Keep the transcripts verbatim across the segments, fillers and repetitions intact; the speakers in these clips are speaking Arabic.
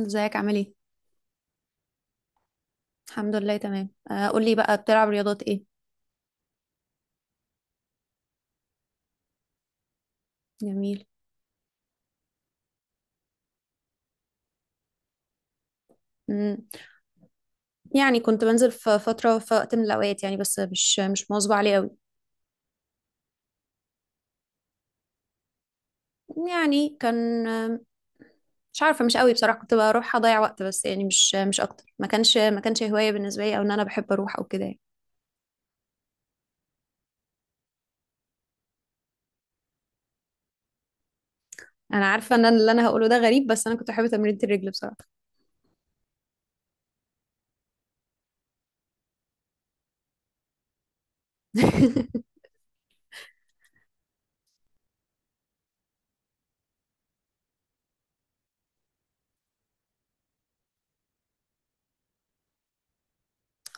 ازيك عامل ايه؟ الحمد لله تمام. آه، قولي بقى، بتلعب رياضات ايه؟ جميل. مم. يعني كنت بنزل في فترة، في وقت من الأوقات يعني، بس مش مش مواظبة عليه قوي. يعني كان آه، مش عارفة، مش قوي بصراحة، كنت بروح أضيع وقت بس، يعني مش مش أكتر. ما كانش ما كانش هواية بالنسبة لي، أو إن أنا بحب أروح أو كده يعني. أنا عارفة إن أنا اللي أنا هقوله ده غريب، بس أنا كنت بحب تمرينة الرجل بصراحة.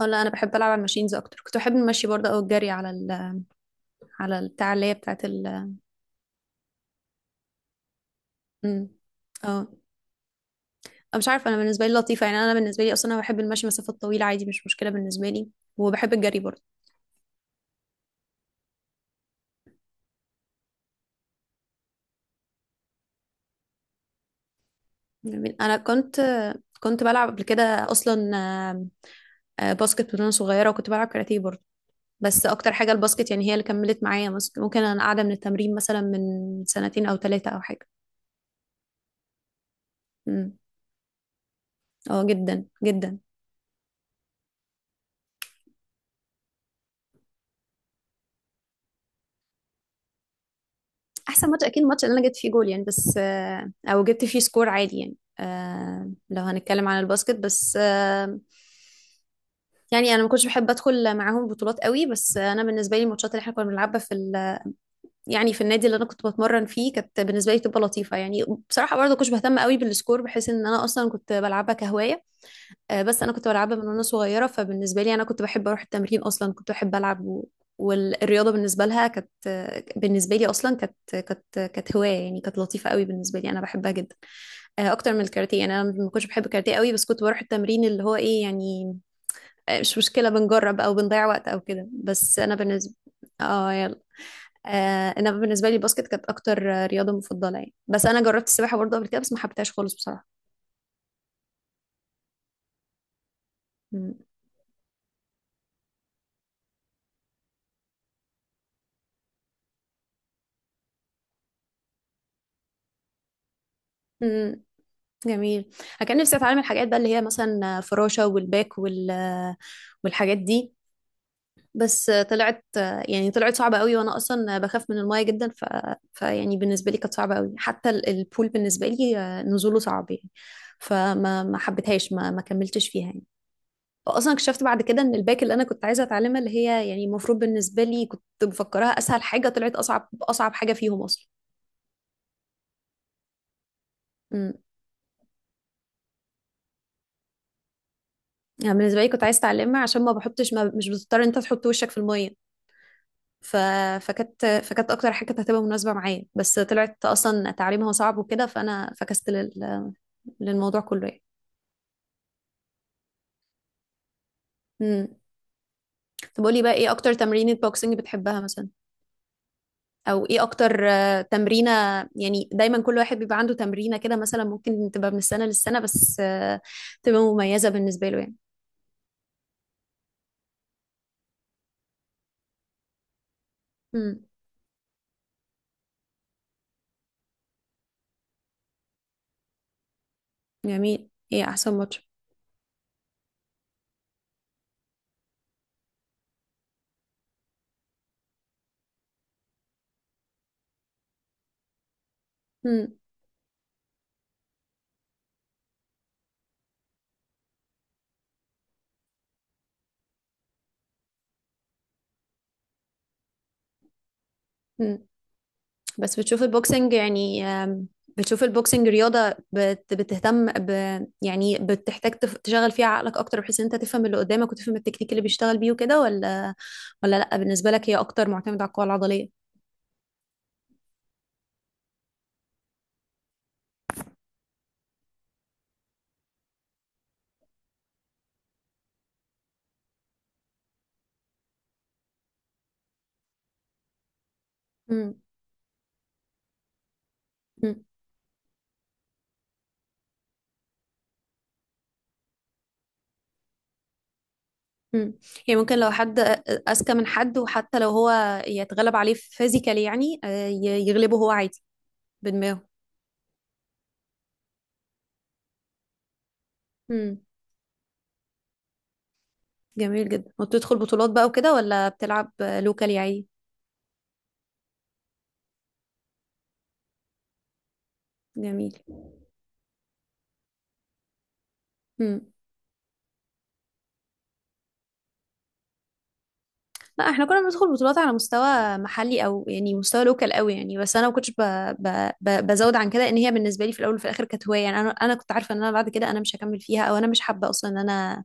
اه، لا أنا بحب ألعب على الماشينز أكتر، كنت بحب المشي برضه أو الجري على ال، على البتاع اللي هي بتاعت ال. مم. أه. مش عارفه انا، بالنسبه لي لطيفه يعني، انا بالنسبه لي اصلا انا بحب المشي مسافات طويله عادي، مش مشكله بالنسبه لي، وبحب الجري برضه. يعني انا كنت، كنت بلعب قبل كده اصلا آه، آه، باسكت وانا صغيره، وكنت بلعب كاراتيه برضه. بس اكتر حاجه الباسكت، يعني هي اللي كملت معايا. مس- ممكن انا قاعده من التمرين مثلا من سنتين او ثلاثه او حاجه. امم. اه جدا جدا. احسن ماتش اكيد الماتش اللي انا جبت فيه جول يعني، بس آه، او جبت فيه سكور عادي يعني. آه، لو هنتكلم عن الباسكت بس. آه، يعني انا ما كنتش بحب ادخل معاهم بطولات قوي، بس انا بالنسبه لي الماتشات اللي احنا كنا بنلعبها في ال... يعني في النادي اللي انا كنت بتمرن فيه، كانت بالنسبه لي تبقى لطيفه يعني، بصراحه برضه كنتش بهتم قوي بالسكور، بحيث ان انا اصلا كنت بلعبها كهوايه. آه، بس انا كنت بلعبها من وانا صغيره، فبالنسبه لي انا كنت بحب اروح التمرين اصلا، كنت بحب العب و... والرياضه بالنسبه لها كانت، بالنسبه لي اصلا كانت كانت كانت هوايه يعني، كانت لطيفه قوي بالنسبه لي، انا بحبها جدا. آه، اكتر من الكاراتيه، يعني انا ما كنتش بحب الكاراتيه قوي، بس كنت بروح التمرين اللي هو ايه يعني، آه، مش مشكلة، بنجرب أو بنضيع وقت أو كده، بس أنا بالنسبة. اه يلا. آه أنا بالنسبة لي الباسكت كانت أكتر آه، رياضة مفضلة يعني، بس أنا جربت السباحة برضه قبل كده، بس ما حبيتهاش خالص بصراحة. مم. مم. جميل. أنا كان نفسي أتعلم الحاجات بقى اللي هي مثلا آه، فراشة والباك وال آه، والحاجات دي. بس آه، طلعت آه، يعني طلعت صعبة قوي، وأنا أصلا آه، بخاف من الماية جدا، ف... فيعني بالنسبة لي كانت صعبة قوي، حتى ال- البول بالنسبة لي آه، نزوله صعب يعني. فما ما حبيتهاش، ما ما كملتش فيها يعني. اصلا اكتشفت بعد كده ان الباك اللي انا كنت عايزه اتعلمها، اللي هي يعني المفروض بالنسبه لي كنت مفكراها اسهل حاجه، طلعت اصعب اصعب حاجه فيهم اصلا. امم. يعني بالنسبه لي كنت عايزه اتعلمها عشان ما بحطش ما مش بتضطر إن انت تحط وشك في الميه. ف... فكانت فكانت اكتر حاجه كانت هتبقى مناسبه معايا، بس طلعت اصلا تعليمها صعب وكده، فانا فكست لل... للموضوع كله يعني. امم. طب قولي بقى، ايه اكتر تمرينة بوكسنج بتحبها مثلا، او ايه اكتر آه، تمرينة؟ يعني دايما كل واحد بيبقى عنده تمرينة كده مثلا، ممكن تبقى من السنة للسنة، بس آه، تبقى مميزة بالنسبة له يعني. امم. جميل، ايه احسن ماتش؟ امم. امم. بس بتشوف البوكسنج يعني آم، بتشوف البوكسنج رياضة بت- بتهتم ب، يعني بتحتاج تف- تشغل فيها عقلك اكتر، بحيث ان انت تفهم اللي قدامك، وتفهم التكنيك اللي بيشتغل بيه وكده، ولا ولا لا بالنسبة لك هي اكتر معتمدة على القوة العضلية؟ امم. مم. يعني ممكن لو حد أذكى من حد، وحتى لو هو يتغلب عليه فيزيكالي يعني، آه، ي- يغلبه هو عادي بدماغه. مم. جميل جدا، وبتدخل بطولات بقى وكده، ولا بتلعب لوكالي عادي؟ جميل. مم. لا احنا كنا بندخل بطولات على مستوى محلي، او يعني مستوى لوكال قوي يعني، بس انا ما كنتش ب... ب... ب... بزود عن كده، ان هي بالنسبه لي في الاول وفي الاخر كانت هوايه يعني. انا انا كنت عارفه ان انا بعد كده انا مش هكمل فيها، او انا مش حابه اصلا ان انا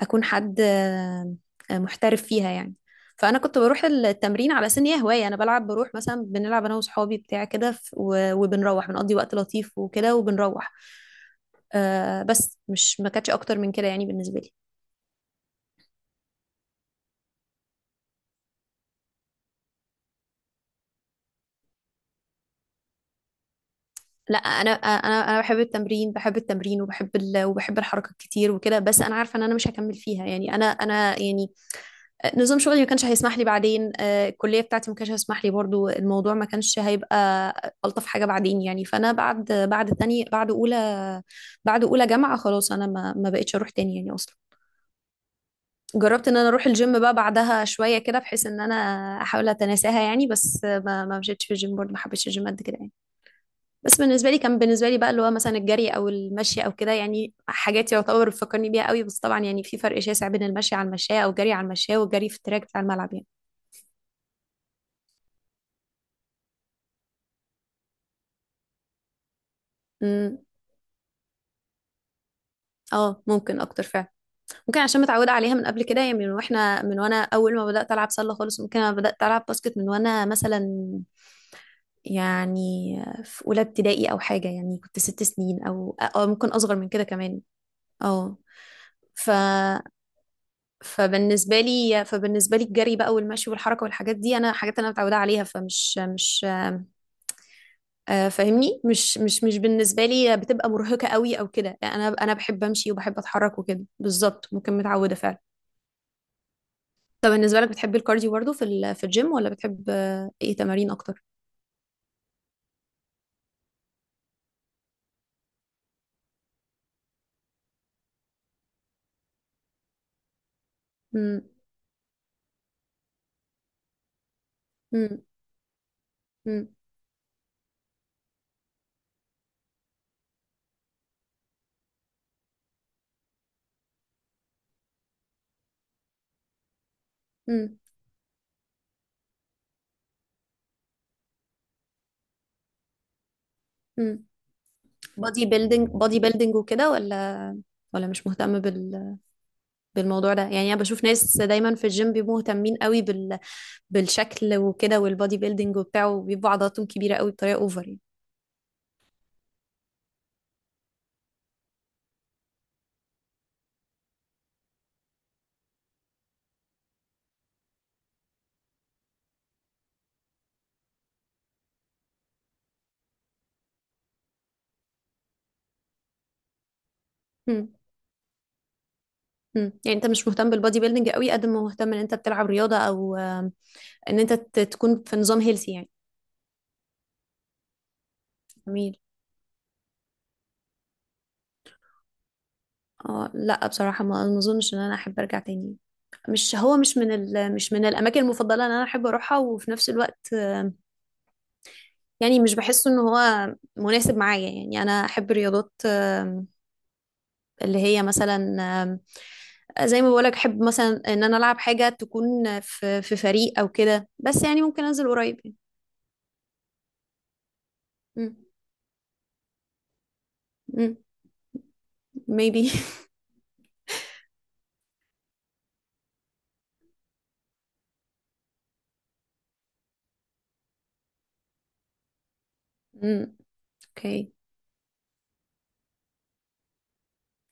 اكون حد آه، آه، محترف فيها يعني. فانا كنت بروح التمرين على سن هي هوايه، انا بلعب بروح مثلا، بنلعب انا وصحابي بتاع كده، ف- و... وبنروح بنقضي وقت لطيف وكده، وبنروح آه بس مش، ما كانتش اكتر من كده يعني بالنسبه لي. لا انا انا انا بحب التمرين، بحب التمرين وبحب ال... وبحب الحركه كتير وكده، بس انا عارفه ان انا مش هكمل فيها يعني. انا انا يعني، نظام شغلي ما كانش هيسمح لي بعدين، آه، الكليه بتاعتي ما كانش هيسمح لي برضو، الموضوع ما كانش هيبقى الطف حاجه بعدين يعني. فانا بعد بعد تاني، بعد اولى، بعد اولى جامعه، خلاص انا ما ما بقتش اروح تاني يعني اصلا. جربت ان انا اروح الجيم بقى بعدها شويه كده، بحيث ان انا احاول اتناساها يعني، بس ما ما مشيتش في الجيم برضو، ما حبيتش الجيم قد كده يعني. بس بالنسبه لي كان، بالنسبه لي بقى اللي هو مثلا الجري او المشي او كده يعني، حاجات يعتبر بتفكرني بيها قوي. بس طبعا يعني في فرق شاسع بين المشي على المشاية، او الجري على المشاية، والجري في التراك بتاع الملعب يعني. امم. اه ممكن اكتر فعلا، ممكن عشان متعوده عليها من قبل كده يعني، من واحنا، من وانا اول ما بدات العب سله خالص، ممكن انا بدات العب باسكت من وانا مثلا يعني في اولى ابتدائي او حاجه يعني، كنت ست سنين او أو ممكن اصغر من كده كمان. اه. ف فبالنسبه لي فبالنسبه لي الجري بقى والمشي والحركه والحاجات دي، انا حاجات انا متعوده عليها، فمش مش آه، فاهمني، مش مش مش بالنسبه لي بتبقى مرهقه قوي او كده، انا انا بحب امشي وبحب اتحرك وكده، بالظبط ممكن متعوده فعلا. طب بالنسبه لك بتحب الكارديو برضه في ال- في الجيم، ولا بتحب آه، ايه تمارين اكتر؟ امم. امم. امم. امم. بودي بيلدينج، بودي بيلدينج وكده ولا، ولا مش مهتم بال، بالموضوع ده يعني؟ انا بشوف ناس دايما في الجيم بيبقوا مهتمين قوي بالشكل وكده، والبودي بيلدينج وبتاعه، وبيبقوا عضلاتهم كبيره قوي بطريقه اوفر يعني. مم. مم. يعني انت مش مهتم بالبودي بيلدينج قوي، قد ما مهتم ان انت بتلعب رياضه، او آم، ان انت ت- تكون في نظام هيلثي يعني. جميل. اه لا بصراحه، ما ما اظنش ان انا احب ارجع تاني. مش، هو مش من ال... مش من الاماكن المفضله ان انا احب اروحها، وفي نفس الوقت يعني مش بحس ان هو مناسب معايا يعني. انا احب رياضات آم، اللي هي مثلا آم، زي ما بقولك، احب مثلا ان انا العب حاجه تكون في في فريق او كده، بس يعني ممكن انزل قريب يعني. مم. مم. maybe. مم. okay.